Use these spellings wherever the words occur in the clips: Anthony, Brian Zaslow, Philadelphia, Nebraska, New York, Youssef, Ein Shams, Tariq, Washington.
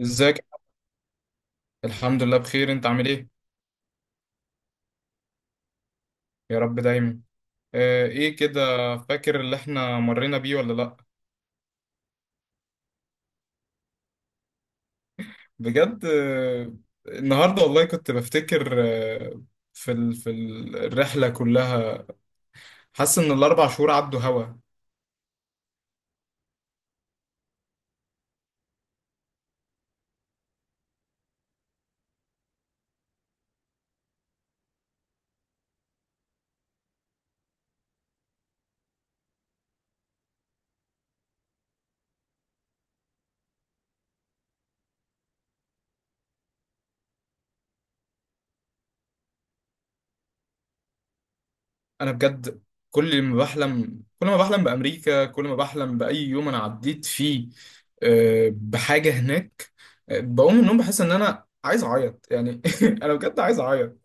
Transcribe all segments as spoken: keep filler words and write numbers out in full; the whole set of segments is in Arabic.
ازيك. الحمد لله بخير. انت عامل ايه؟ يا رب دايما. اه، ايه كده. فاكر اللي احنا مرينا بيه ولا لا؟ بجد اه. النهارده والله كنت بفتكر. اه، في ال... في ال- الرحله كلها. حاسس ان الاربع شهور عدوا هوا. انا بجد. كل ما بحلم، كل ما بحلم بامريكا، كل ما بحلم باي يوم انا عديت فيه، اه، بحاجه هناك. اه، بقوم من النوم بحس ان انا عايز اعيط، يعني انا بجد عايز اعيط.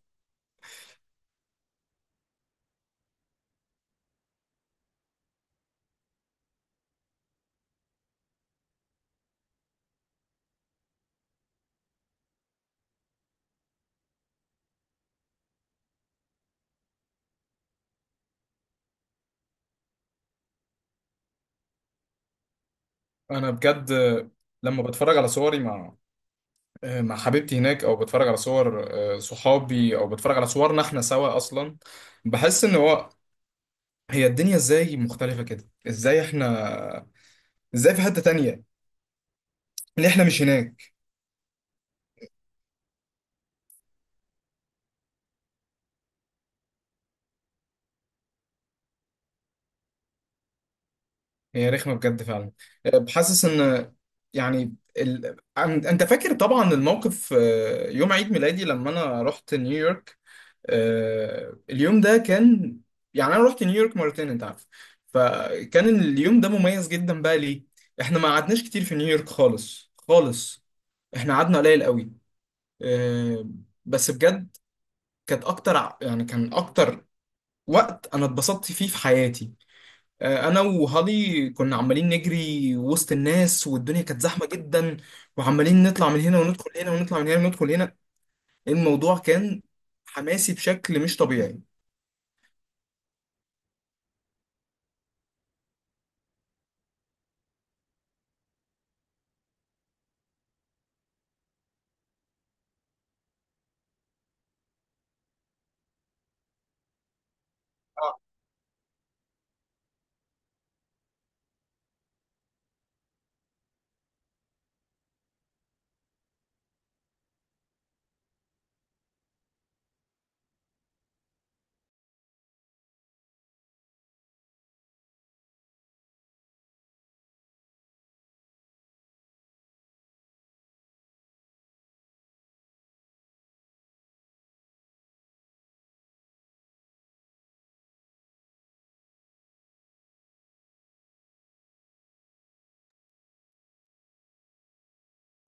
انا بجد لما بتفرج على صوري مع مع حبيبتي هناك، او بتفرج على صور آه، صحابي، او بتفرج على صورنا احنا سوا اصلا، بحس ان هو، هي الدنيا ازاي مختلفة كده؟ ازاي احنا، ازاي في حتة تانية، ليه احنا مش هناك؟ هي رخمة بجد فعلا. آه، بحسس ان، يعني ال... عن- انت فاكر طبعا الموقف، آه، يوم عيد ميلادي لما انا رحت نيويورك. آه، اليوم ده كان، يعني، انا رحت نيويورك مرتين، انت عارف. فكان اليوم ده مميز جدا بقى. ليه؟ احنا ما قعدناش كتير في نيويورك خالص خالص. احنا قعدنا قليل قوي. آه، بس بجد، كانت اكتر ع- يعني كان اكتر وقت انا اتبسطت فيه في حياتي. آه، انا وهالي كنا عمالين نجري وسط الناس، والدنيا كانت زحمة جدا، وعمالين نطلع من هنا وندخل هنا، ونطلع من هنا وندخل هنا. الموضوع كان حماسي بشكل مش طبيعي.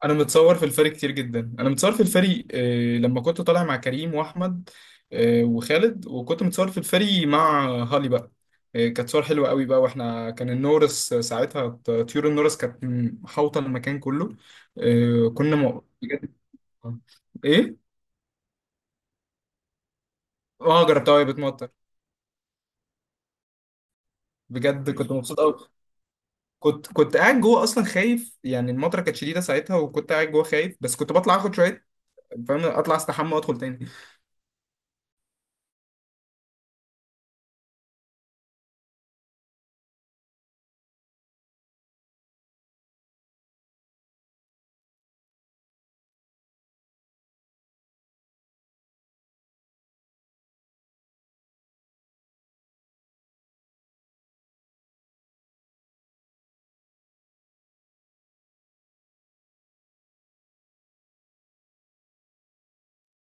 انا متصور في الفريق كتير جدا، انا متصور في الفريق آه، لما كنت طالع مع كريم واحمد آه، وخالد، وكنت متصور في الفريق مع هالي بقى. آه، كانت صور حلوه قوي بقى، واحنا كان النورس ساعتها، طيور النورس كانت محاوطه المكان كله. آه، كنا م... بجد. ايه؟ اه، جربتها وهي بتمطر. بجد كنت مبسوط قوي. كنت كنت قاعد جوه اصلا خايف، يعني المطره كانت شديده ساعتها، وكنت قاعد جوه خايف، بس كنت بطلع اخد شويه، فاهم، اطلع استحمى وادخل تاني.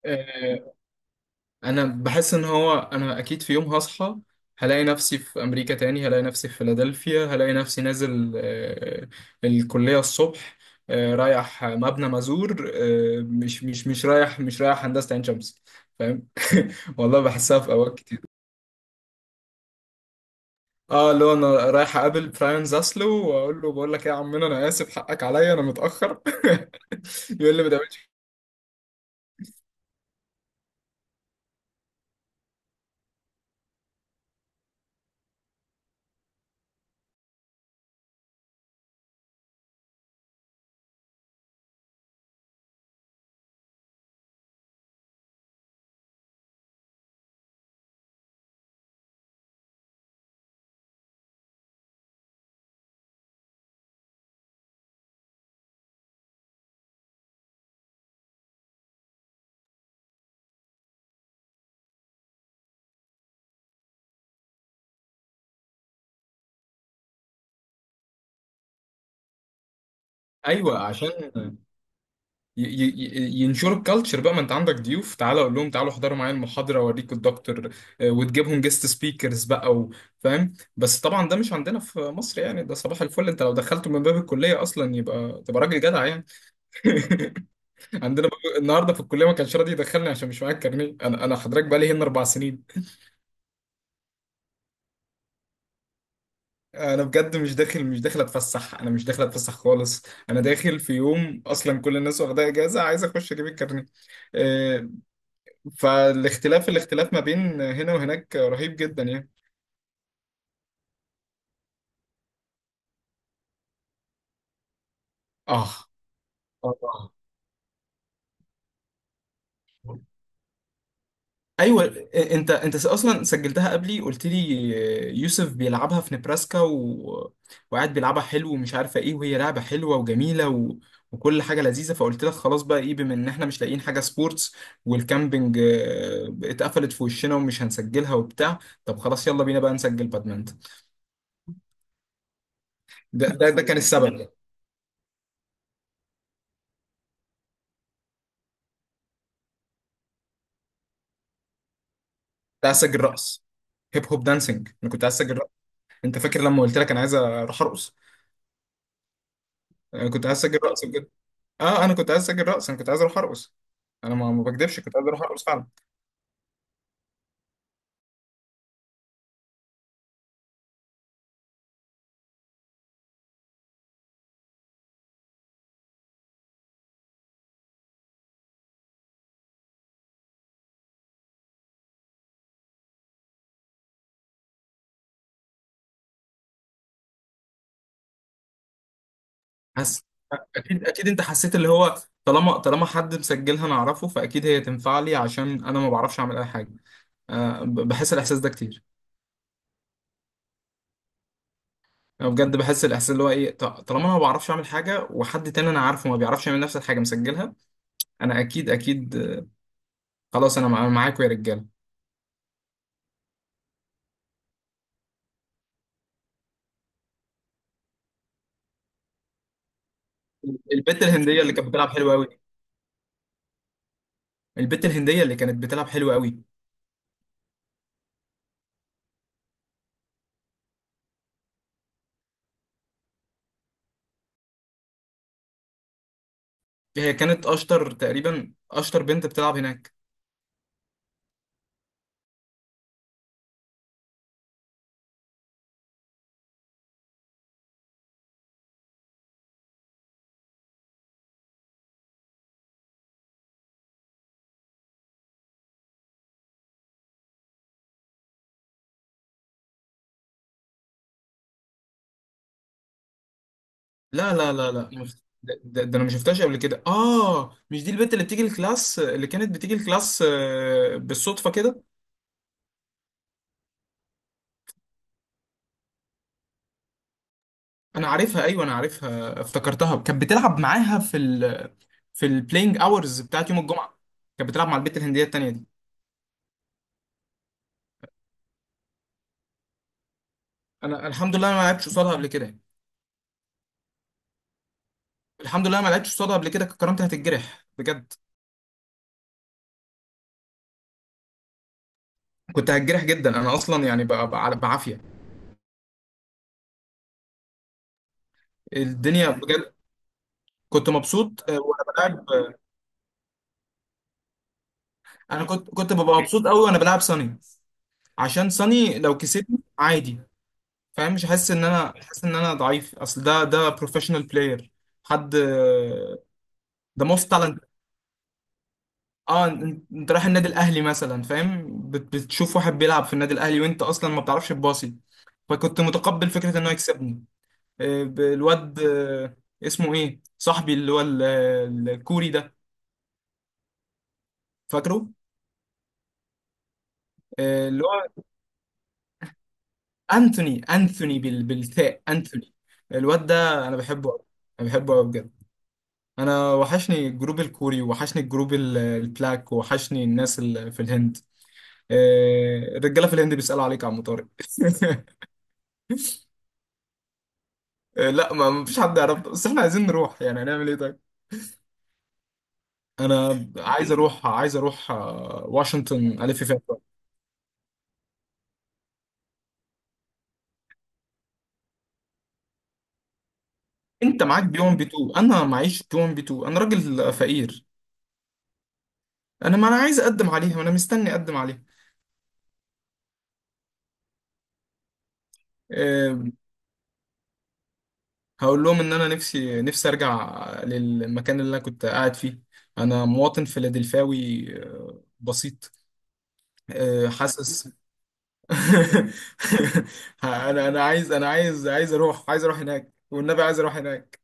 آه، انا بحس ان هو، انا اكيد في يوم هصحى، هلاقي نفسي في امريكا تاني، هلاقي نفسي في فيلادلفيا، هلاقي نفسي نازل آه، الكلية الصبح، آه، رايح مبنى مازور، آه، مش مش مش رايح مش رايح هندسة عين شمس. فاهم والله بحسها في اوقات كتير. اه، اللي هو انا رايح اقابل براين زاسلو، واقول له: بقول لك ايه يا عمنا، انا اسف، حقك عليا، انا متاخر. يقول لي ما تعملش. ايوه، عشان ي- ي- ينشروا الكالتشر بقى. ما انت عندك ضيوف، تعالى اقول لهم تعالوا احضروا معايا المحاضره، اوريكم الدكتور، آه، وتجيبهم جيست سبيكرز بقى و- فاهم. بس طبعا ده مش عندنا في مصر، يعني ده صباح الفل، انت لو دخلته من باب الكليه اصلا يبقى، تبقى راجل جدع يعني. عندنا باب- النهارده في الكليه ما كانش راضي يدخلني عشان مش معايا الكارنيه. انا انا حضرتك بقى لي هنا اربع سنين. انا بجد مش داخل مش داخل اتفسح، انا مش داخل اتفسح خالص. انا داخل في يوم اصلا كل الناس واخدها اجازه، عايز اخش اجيب الكارنيه. آه، فالاختلاف الاختلاف ما بين هنا وهناك رهيب جدا يعني. اه، اه، آه. ايوه. انت انت اصلا سجلتها قبلي، قلت لي يوسف بيلعبها في نبراسكا و... وقاعد بيلعبها حلو ومش عارفه ايه، وهي لعبه حلوه وجميله و... وكل حاجه لذيذه، فقلت لك خلاص بقى ايه بما ان احنا مش لاقيين حاجه سبورتس، والكامبينج آه، اتقفلت في وشنا، ومش هنسجلها وبتاع، طب خلاص يلا بينا بقى نسجل بادمنت. ده ده, ده كان السبب. كنت عايز اسجل رقص، هيب هوب دانسينج، انا كنت عايز اسجل. انت فاكر لما قلت لك انا عايز اروح ارقص؟ انا كنت عايز اسجل رقص بجد. اه، انا كنت عايز اسجل رقص، انا كنت عايز اروح ارقص. انا ما ما بكدبش، كنت عايز اروح ارقص فعلا. حس اكيد اكيد انت حسيت اللي هو، طالما طالما حد مسجلها انا اعرفه، فاكيد هي تنفع لي عشان انا ما بعرفش اعمل اي حاجه. آه ب- بحس الاحساس ده كتير. انا بجد بحس الاحساس اللي هو ايه، ط- طالما انا ما بعرفش اعمل حاجه وحد تاني انا عارفه ما بيعرفش يعمل نفس الحاجه مسجلها، انا اكيد اكيد. آه، خلاص انا مع- معاكم يا رجاله. البت الهنديه اللي كانت بتلعب حلوه قوي. البت الهنديه اللي كانت بتلعب حلوه قوي. هي كانت اشطر تقريبا، اشطر بنت بتلعب هناك. لا، لا، لا، لا. مم. ده, ده ده انا ما شفتهاش قبل كده. اه، مش دي البنت اللي بتيجي الكلاس، اللي كانت بتيجي الكلاس آه، بالصدفه كده. انا عارفها. ايوه، انا عارفها، افتكرتها. كانت بتلعب معاها في ال في البلاينج اورز بتاعت يوم الجمعه. كانت بتلعب مع البنت الهنديه التانيه دي. انا الحمد لله، أنا ما لعبتش قصادها قبل كده. الحمد لله ما لعبتش قصادها قبل كده. كنت كرمت، هتتجرح بجد. كنت هتجرح جدا انا اصلا، يعني ب- ب- بعافيه. الدنيا بجد. كنت مبسوط آه، وانا بلعب آه، انا كنت كنت ببقى مبسوط قوي وانا بلعب صني. عشان صني لو كسبني عادي، فاهم، مش حاسس ان انا، حاسس ان انا ضعيف، اصل ده ده بروفيشنال بلاير. حد. ده موست تالنت. اه، انت أنت رايح النادي الاهلي مثلا، فاهم، بت- بتشوف واحد بيلعب في النادي الاهلي، وانت اصلا ما بتعرفش تباصي. فكنت متقبل فكره انه يكسبني. آه، ب- الواد آه، اسمه ايه، صاحبي اللي هو ال- الكوري ده. فاكره؟ آه، اللي هو انثوني. انثوني بال... بالتاء، انثوني. الواد ده انا بحبه أوي. انا بحبه قوي بجد. انا وحشني الجروب الكوري، وحشني الجروب ال- البلاك، وحشني الناس اللي في الهند. آه، الرجاله في الهند بيسالوا عليك يا عم طارق. آه، لا، ما ما فيش حد يعرف، بس احنا عايزين نروح، يعني هنعمل ايه طيب؟ انا عايز اروح، عايز اروح آه، واشنطن الف فيها شوية. انت معاك بي وان بي تو، انا معيش بي وان بي تو، انا راجل فقير. انا ما انا عايز اقدم عليها، وانا مستني اقدم عليها. آه، هقول لهم ان انا نفسي نفسي ارجع للمكان اللي انا كنت قاعد فيه. انا مواطن فيلادلفاوي آه، بسيط. آه، حاسس. انا انا عايز انا عايز عايز اروح، عايز اروح هناك والنبي، عايز اروح هناك.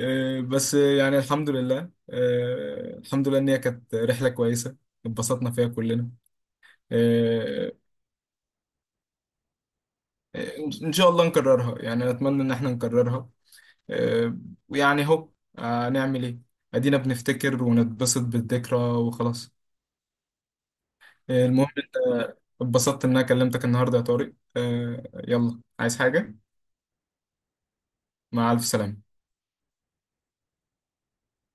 آه، بس يعني الحمد لله. آه، الحمد لله ان هي كانت رحلة كويسة، اتبسطنا فيها كلنا. آه، آه، ان شاء الله نكررها، يعني اتمنى ان احنا نكررها. آه، ويعني هو آه، نعمل ايه، ادينا بنفتكر ونتبسط بالذكرى وخلاص. آه، المهم انت، اتبسطت ان انا كلمتك النهارده يا طارق. آه، يلا، عايز حاجه؟ مع الف سلامه.